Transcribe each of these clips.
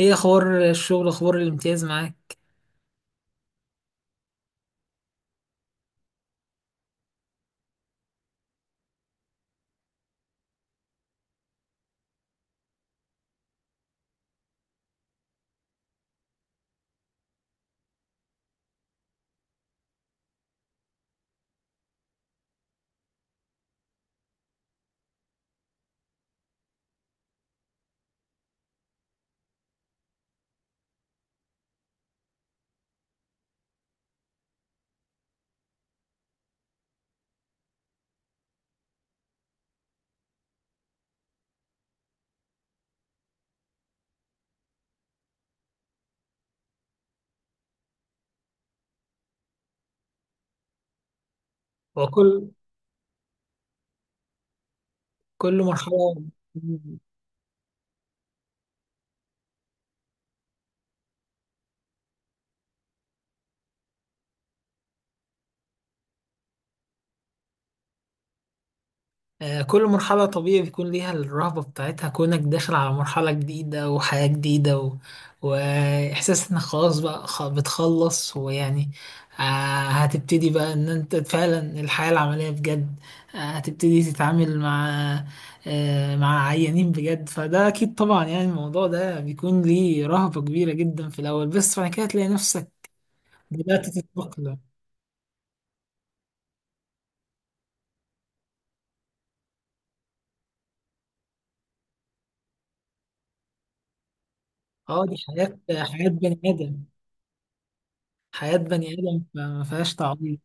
ايه اخبار الشغل؟ اخبار الامتياز معاك؟ وكل كل كل مرحله. كل مرحله طبيعي بيكون ليها الرهبه بتاعتها، كونك داخل على مرحله جديده وحياه جديده واحساس انك خلاص بقى بتخلص ويعني. آه، هتبتدي بقى ان انت فعلا الحياه العمليه بجد. هتبتدي تتعامل مع، مع عيانين بجد، فده اكيد طبعا يعني الموضوع ده بيكون ليه رهبه كبيره جدا في الاول، بس بعد كده تلاقي نفسك بدأت تتأقلم. اه دي حياة، حياة بني آدم، حياة بني آدم فما فيهاش تعويض.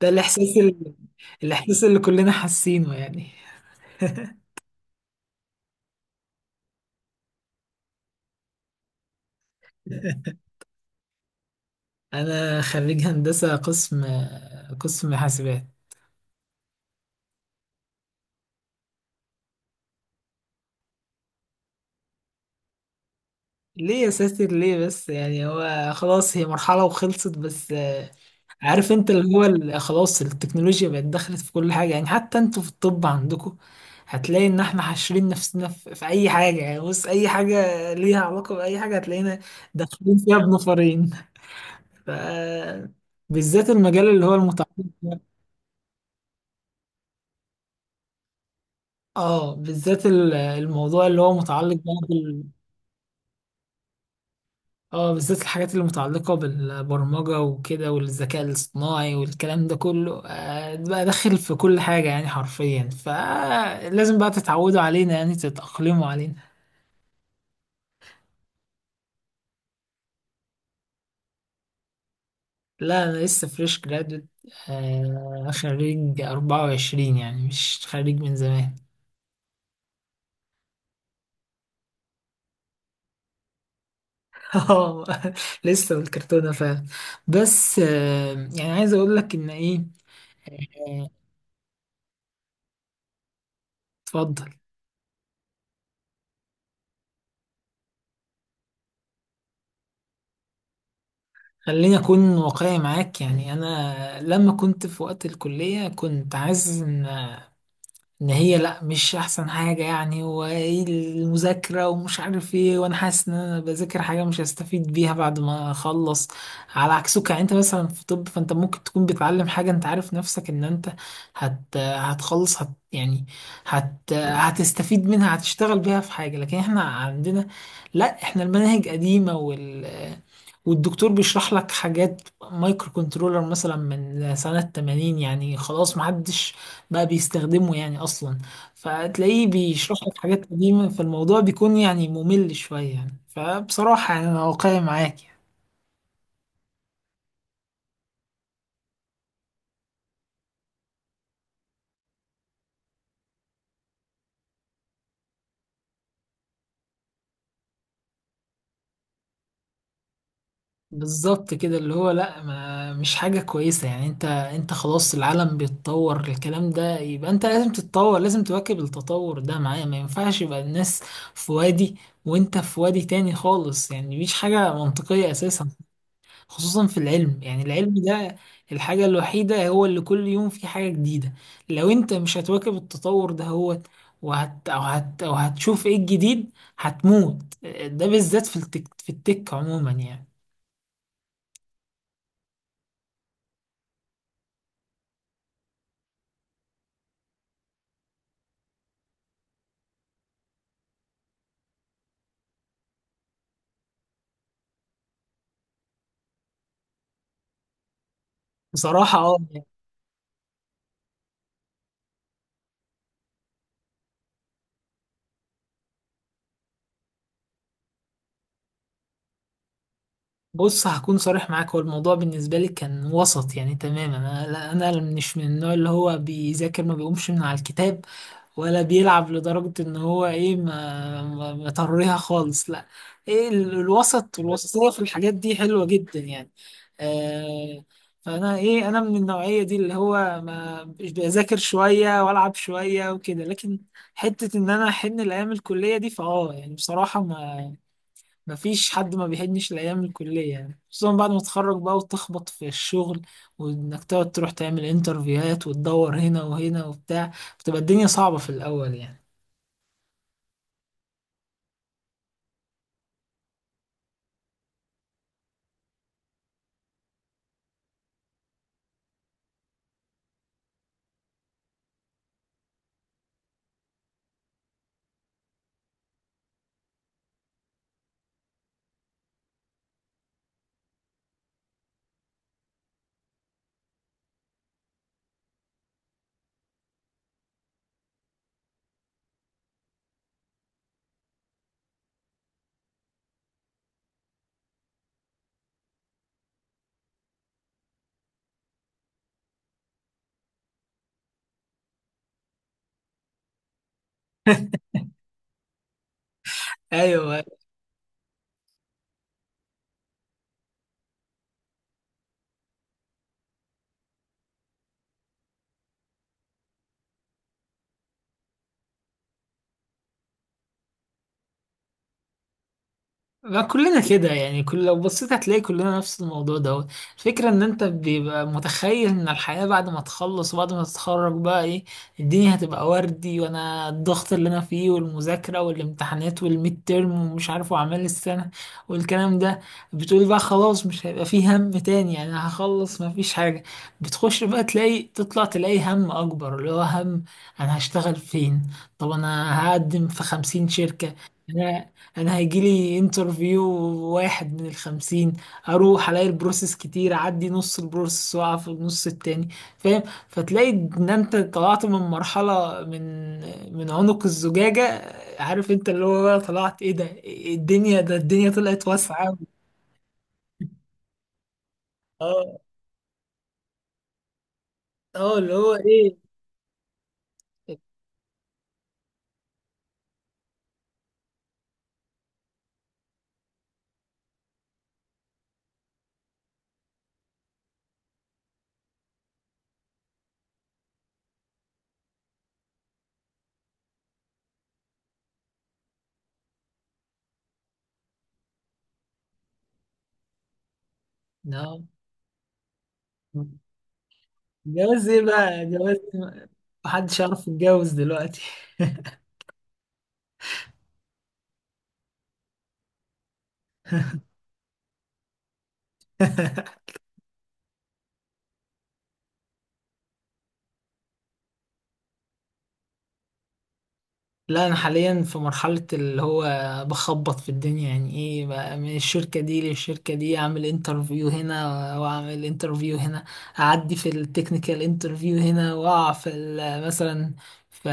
ده الإحساس، الإحساس اللي كلنا حاسينه يعني. أنا خريج هندسة، قسم حاسبات. ليه يا ساتر ليه بس؟ يعني هو خلاص، هي مرحلة وخلصت بس. عارف انت اللي هو خلاص التكنولوجيا بقت دخلت في كل حاجة، يعني حتى انتوا في الطب عندكم هتلاقي ان احنا حاشرين نفسنا في اي حاجة، يعني بص اي حاجة ليها علاقة بأي حاجة هتلاقينا داخلين فيها بنفرين. ف بالذات المجال اللي هو المتعلق. اه بالذات الموضوع اللي هو متعلق بقى، بالذات الحاجات اللي متعلقة بالبرمجة وكده والذكاء الاصطناعي والكلام ده كله، آه بقى داخل في كل حاجة يعني حرفيا، فلازم بقى تتعودوا علينا، يعني تتأقلموا علينا. لا أنا لسه فريش جرادويت، آه خريج 24، يعني مش خريج من زمان. اه لسه بالكرتونة فعلا. بس، يعني عايز اقول لك ان ايه. آه، اتفضل. خليني اكون واقعي معاك، يعني انا لما كنت في وقت الكلية كنت عايز ان هي، لا مش احسن حاجة يعني، وايه المذاكرة ومش عارف ايه، وانا حاسس ان انا بذاكر حاجة مش هستفيد بيها بعد ما اخلص. على عكسك يعني، انت مثلا في طب فانت ممكن تكون بتعلم حاجة انت عارف نفسك ان انت هتخلص، يعني هتستفيد منها، هتشتغل بيها في حاجة. لكن احنا عندنا، لا احنا المناهج قديمة والدكتور بيشرح لك حاجات مايكرو كنترولر مثلا من سنة 80، يعني خلاص محدش بقى بيستخدمه يعني اصلا، فتلاقيه بيشرح لك حاجات قديمة، فالموضوع بيكون يعني ممل شوية يعني، فبصراحة يعني انا واقعي معاك يعني. بالظبط كده، اللي هو لا ما مش حاجة كويسة، يعني انت خلاص، العالم بيتطور الكلام ده، يبقى انت لازم تتطور، لازم تواكب التطور ده معاه، ما ينفعش يبقى الناس في وادي وانت في وادي تاني خالص يعني، مفيش حاجة منطقية اساسا. خصوصا في العلم، يعني العلم ده الحاجة الوحيدة هو اللي كل يوم في حاجة جديدة، لو انت مش هتواكب التطور ده هو وهت أو هت أو هتشوف ايه الجديد، هتموت. ده بالذات في التك، في التك عموما يعني. بصراحة بص هكون صريح معاك، هو الموضوع بالنسبة لي كان وسط يعني تماما. أنا مش من النوع اللي هو بيذاكر ما بيقومش من على الكتاب، ولا بيلعب لدرجة إن هو إيه مطريها خالص لا. إيه الوسط والوسطية في الحاجات دي حلوة جدا يعني. آه فأنا إيه، أنا من النوعية دي اللي هو ما مش بذاكر شوية وألعب شوية وكده. لكن حتة إن أنا أحن الأيام الكلية دي فأه، يعني بصراحة، ما مفيش حد ما بيحنش لأيام الكلية يعني، خصوصا بعد ما تتخرج بقى وتخبط في الشغل، وإنك تقعد تروح تعمل انترفيوهات وتدور هنا وهنا وبتاع، بتبقى الدنيا صعبة في الأول يعني. أيوه. ما كلنا كده يعني، كل لو بصيت هتلاقي كلنا نفس الموضوع ده. الفكرة ان انت بيبقى متخيل ان الحياة بعد ما تخلص وبعد ما تتخرج بقى ايه، الدنيا هتبقى وردي، وانا الضغط اللي انا فيه والمذاكرة والامتحانات والميد تيرم ومش عارف واعمال السنة والكلام ده، بتقول بقى خلاص مش هيبقى فيه هم تاني يعني، هخلص ما فيش حاجة. بتخش بقى تلاقي، تطلع تلاقي هم اكبر، اللي هو هم انا هشتغل فين؟ طب انا هقدم في خمسين شركة، انا هيجيلي انترفيو واحد من الخمسين، اروح الاقي البروسيس كتير، اعدي نص البروسيس واقع في النص التاني، فاهم؟ فتلاقي ان انت طلعت من مرحلة، من عنق الزجاجة، عارف انت اللي هو بقى طلعت ايه ده، إيه الدنيا، ده الدنيا طلعت واسعة أوي. اه اه، اللي هو ايه. نعم. جواز ايه بقى؟ جواز محدش يعرف يتجوز دلوقتي. لا انا حاليا في مرحله اللي هو بخبط في الدنيا، يعني ايه بقى، من الشركه دي للشركه دي، اعمل انترفيو هنا واعمل انترفيو هنا، اعدي في التكنيكال انترفيو هنا، واقع في مثلا في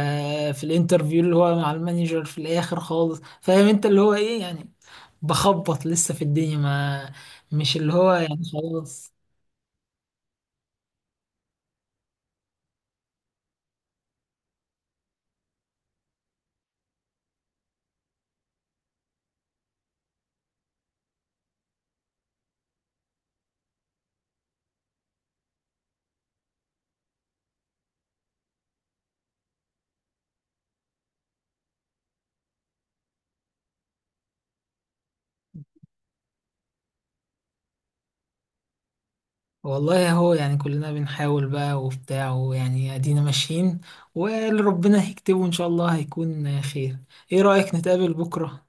في الانترفيو اللي هو مع المانجر في الاخر خالص، فاهم انت اللي هو ايه يعني، بخبط لسه في الدنيا، ما مش اللي هو يعني خلاص. والله اهو يعني، كلنا بنحاول بقى وبتاع ويعني ادينا ماشيين، واللي ربنا هيكتبه ان شاء الله هيكون خير. ايه رأيك نتقابل بكرة؟